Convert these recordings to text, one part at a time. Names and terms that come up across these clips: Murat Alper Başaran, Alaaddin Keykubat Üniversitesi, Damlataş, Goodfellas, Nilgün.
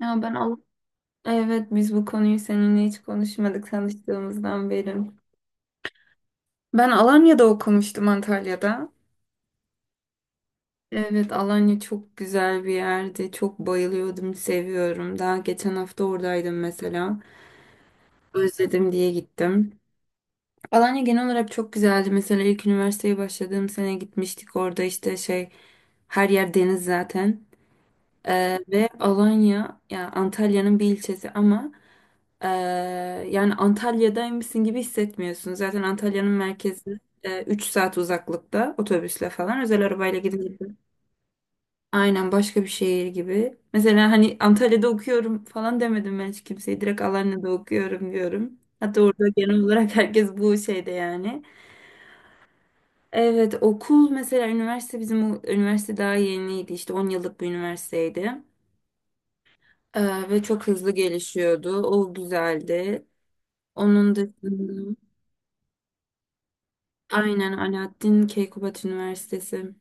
Ya ben Al evet biz bu konuyu seninle hiç konuşmadık tanıştığımızdan beri. Ben Alanya'da okumuştum, Antalya'da. Evet, Alanya çok güzel bir yerdi. Çok bayılıyordum, seviyorum. Daha geçen hafta oradaydım mesela. Özledim diye gittim. Alanya genel olarak çok güzeldi. Mesela ilk üniversiteye başladığım sene gitmiştik. Orada işte şey, her yer deniz zaten. Ve Alanya, yani Antalya'nın bir ilçesi, ama e, yani Antalya'daymışsın gibi hissetmiyorsun. Zaten Antalya'nın merkezi 3 saat uzaklıkta, otobüsle falan, özel arabayla gidince de aynen başka bir şehir gibi. Mesela hani Antalya'da okuyorum falan demedim ben hiç kimseye. Direkt Alanya'da okuyorum diyorum. Hatta orada genel olarak herkes bu şeyde yani. Evet, okul mesela, üniversite, bizim üniversite daha yeniydi, işte 10 yıllık bir üniversiteydi. Ve çok hızlı gelişiyordu. O güzeldi. Onun dışında, aynen, Alaaddin Keykubat Üniversitesi.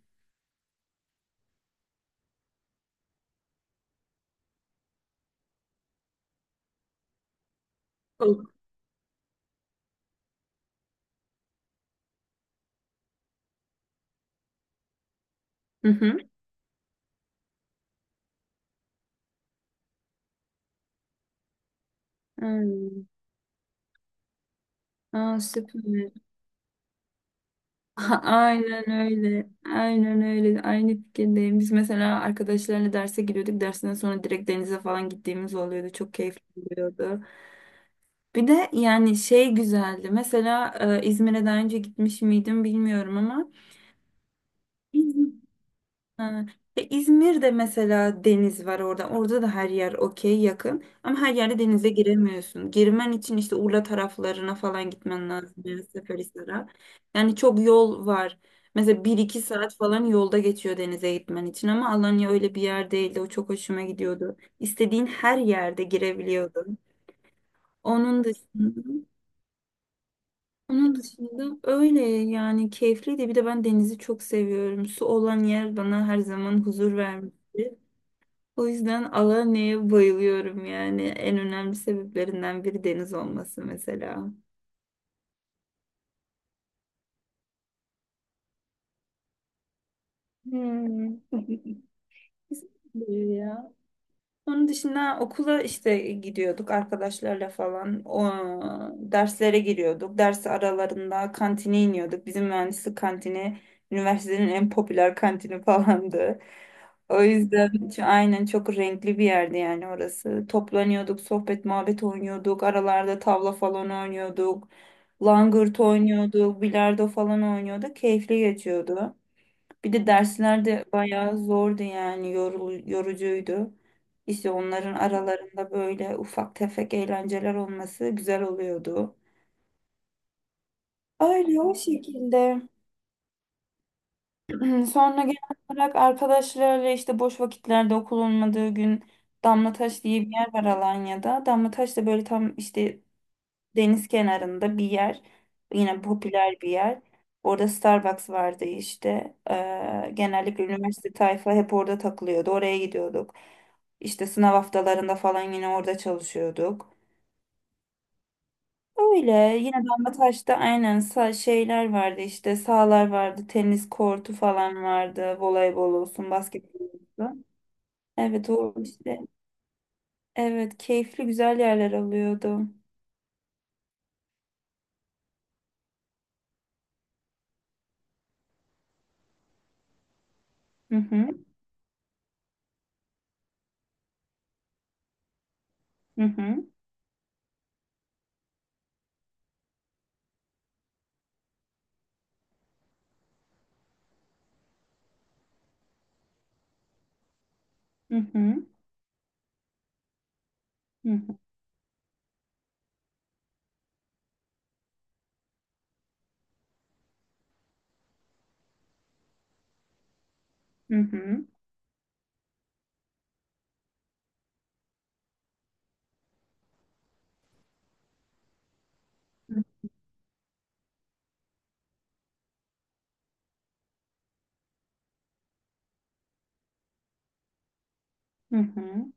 O- Hı hı. Aynen. Aa, süper. Aynen öyle. Aynen öyle. Aynı fikirdeyim. Biz mesela arkadaşlarla derse giriyorduk. Dersinden sonra direkt denize falan gittiğimiz oluyordu. Çok keyifli oluyordu. Bir de yani şey güzeldi. Mesela İzmir'e daha önce gitmiş miydim bilmiyorum ama. Ha. Ya İzmir'de mesela deniz var orada. Orada da her yer okey yakın. Ama her yerde denize giremiyorsun. Girmen için işte Urla taraflarına falan gitmen lazım. Yani Seferihisar'a. Yani çok yol var. Mesela bir iki saat falan yolda geçiyor denize gitmen için. Ama Alanya öyle bir yer değildi. O çok hoşuma gidiyordu. İstediğin her yerde girebiliyordun. Onun dışında, onun dışında öyle yani, keyifliydi. Bir de ben denizi çok seviyorum. Su olan yer bana her zaman huzur vermişti. O yüzden Alanya'ya bayılıyorum yani. En önemli sebeplerinden biri deniz olması mesela. Hmm. Güzel ya. Onun dışında okula işte gidiyorduk arkadaşlarla falan. O, derslere giriyorduk. Ders aralarında kantine iniyorduk. Bizim mühendislik kantini üniversitenin en popüler kantini falandı. O yüzden aynen çok renkli bir yerdi yani orası. Toplanıyorduk, sohbet muhabbet oynuyorduk. Aralarda tavla falan oynuyorduk. Langırt oynuyorduk, bilardo falan oynuyorduk. Keyifli geçiyordu. Bir de dersler de bayağı zordu yani, yorucuydu. İşte onların aralarında böyle ufak tefek eğlenceler olması güzel oluyordu. Öyle o şekilde. Sonra genel olarak arkadaşlarla işte boş vakitlerde, okul olmadığı gün, Damlataş diye bir yer var Alanya'da. Damlataş da böyle tam işte deniz kenarında bir yer. Yine popüler bir yer. Orada Starbucks vardı işte. Genellikle üniversite tayfa hep orada takılıyordu. Oraya gidiyorduk. İşte sınav haftalarında falan yine orada çalışıyorduk. Öyle, yine Damlataş'ta, aynen, şeyler vardı, işte sahalar vardı, tenis kortu falan vardı, voleybol olsun basketbol olsun. Evet, o işte, evet keyifli güzel yerler alıyordu. Hı hı, hı hı, hı hı, hı hı, hı hı. Hı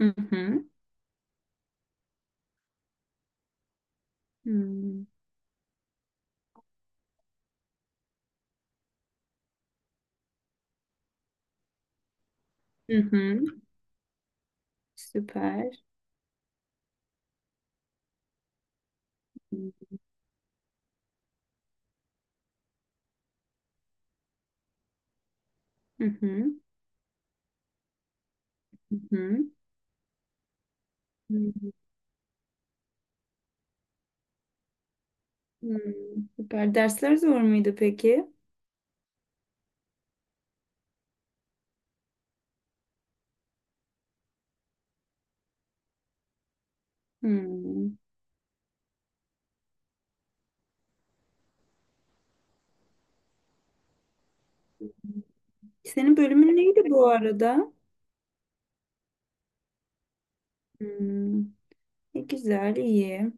hı. Hı Hmm. Hı hı. Süper. Hı hı. Hı hı. Hmm. Hmm. Süper. Dersler zor muydu peki? Hmm. Senin bölümün neydi bu arada? Hmm. E, güzel, iyi.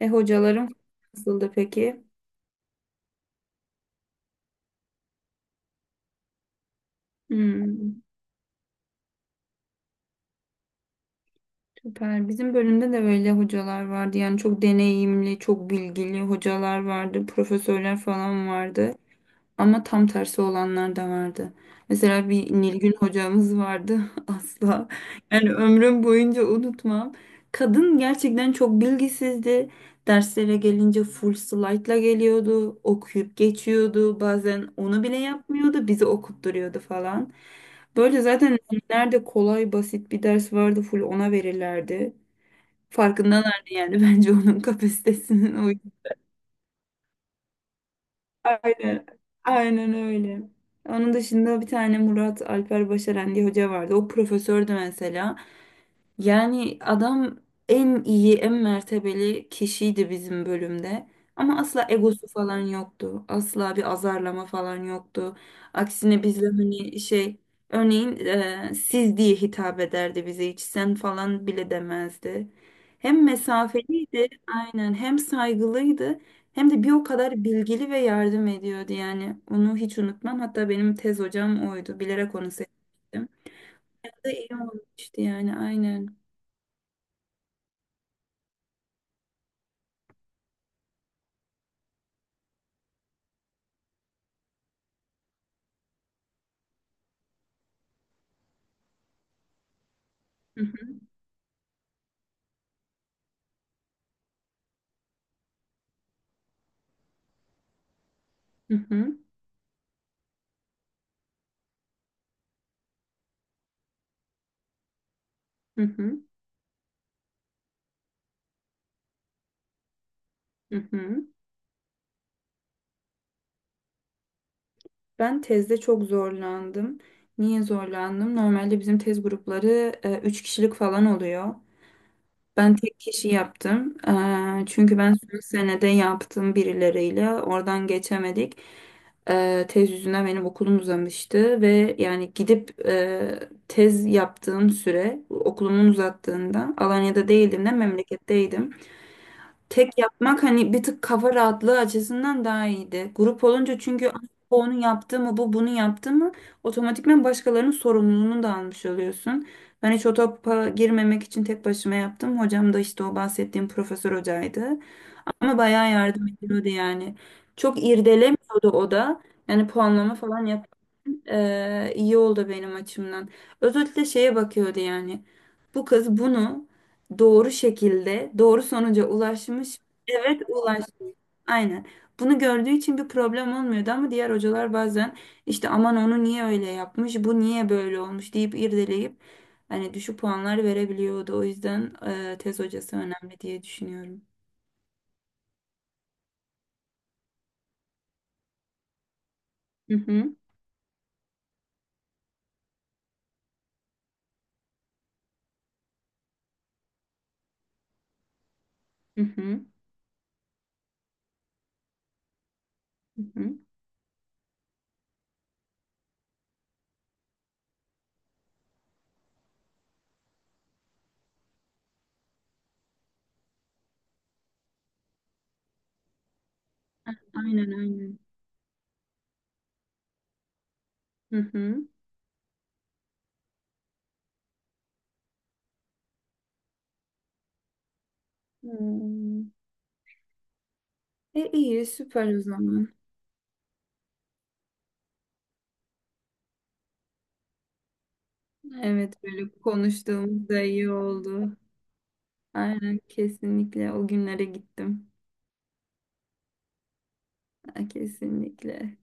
E, hocaların nasıldı peki? Hmm. Süper. Bizim bölümde de öyle hocalar vardı. Yani çok deneyimli, çok bilgili hocalar vardı, profesörler falan vardı. Ama tam tersi olanlar da vardı. Mesela bir Nilgün hocamız vardı asla. Yani ömrüm boyunca unutmam. Kadın gerçekten çok bilgisizdi. Derslere gelince full slide'la geliyordu. Okuyup geçiyordu. Bazen onu bile yapmıyordu. Bizi okutturuyordu falan. Böyle zaten nerede kolay basit bir ders vardı, full ona verirlerdi. Farkındalardı yani bence onun kapasitesinin o. Aynen, aynen öyle. Onun dışında bir tane Murat Alper Başaran diye hoca vardı. O profesördü mesela. Yani adam en iyi, en mertebeli kişiydi bizim bölümde. Ama asla egosu falan yoktu. Asla bir azarlama falan yoktu. Aksine bizle hani şey, örneğin siz diye hitap ederdi bize. Hiç sen falan bile demezdi. Hem mesafeliydi, aynen, hem saygılıydı. Hem de bir o kadar bilgili ve yardım ediyordu yani. Onu hiç unutmam. Hatta benim tez hocam oydu. Bilerek onu seçtim. Da iyi olmuştu yani, aynen. Hı hı, hı hı, hı hı. Ben tezde çok zorlandım. Niye zorlandım? Normalde bizim tez grupları üç kişilik falan oluyor. Ben tek kişi yaptım. E, çünkü ben son senede yaptım birileriyle. Oradan geçemedik. E, tez yüzünden benim okulum uzamıştı ve yani gidip tez yaptığım süre, okulumun uzattığında Alanya'da değildim de memleketteydim. Tek yapmak hani bir tık kafa rahatlığı açısından daha iyiydi. Grup olunca çünkü "Ah, bu onu yaptı mı, bu bunu yaptı mı", otomatikman başkalarının sorumluluğunu da almış oluyorsun. Ben hiç o topa girmemek için tek başıma yaptım. Hocam da işte o bahsettiğim profesör hocaydı. Ama bayağı yardım ediyordu yani. Çok irdelemiyordu o da. Yani puanlama falan yap. İyi oldu benim açımdan. Özellikle şeye bakıyordu yani. Bu kız bunu doğru şekilde doğru sonuca ulaşmış. Evet, ulaşmış. Aynen. Bunu gördüğü için bir problem olmuyordu, ama diğer hocalar bazen işte aman onu niye öyle yapmış, bu niye böyle olmuş deyip irdeleyip hani düşük puanlar verebiliyordu. O yüzden tez hocası önemli diye düşünüyorum. Hı hı. Hı hı, hı hı. Aynen, aynen. Hı hı. Hmm. E, iyi, süper o zaman. Evet, böyle konuştuğumuz da iyi oldu. Aynen, kesinlikle o günlere gittim. Ha, kesinlikle.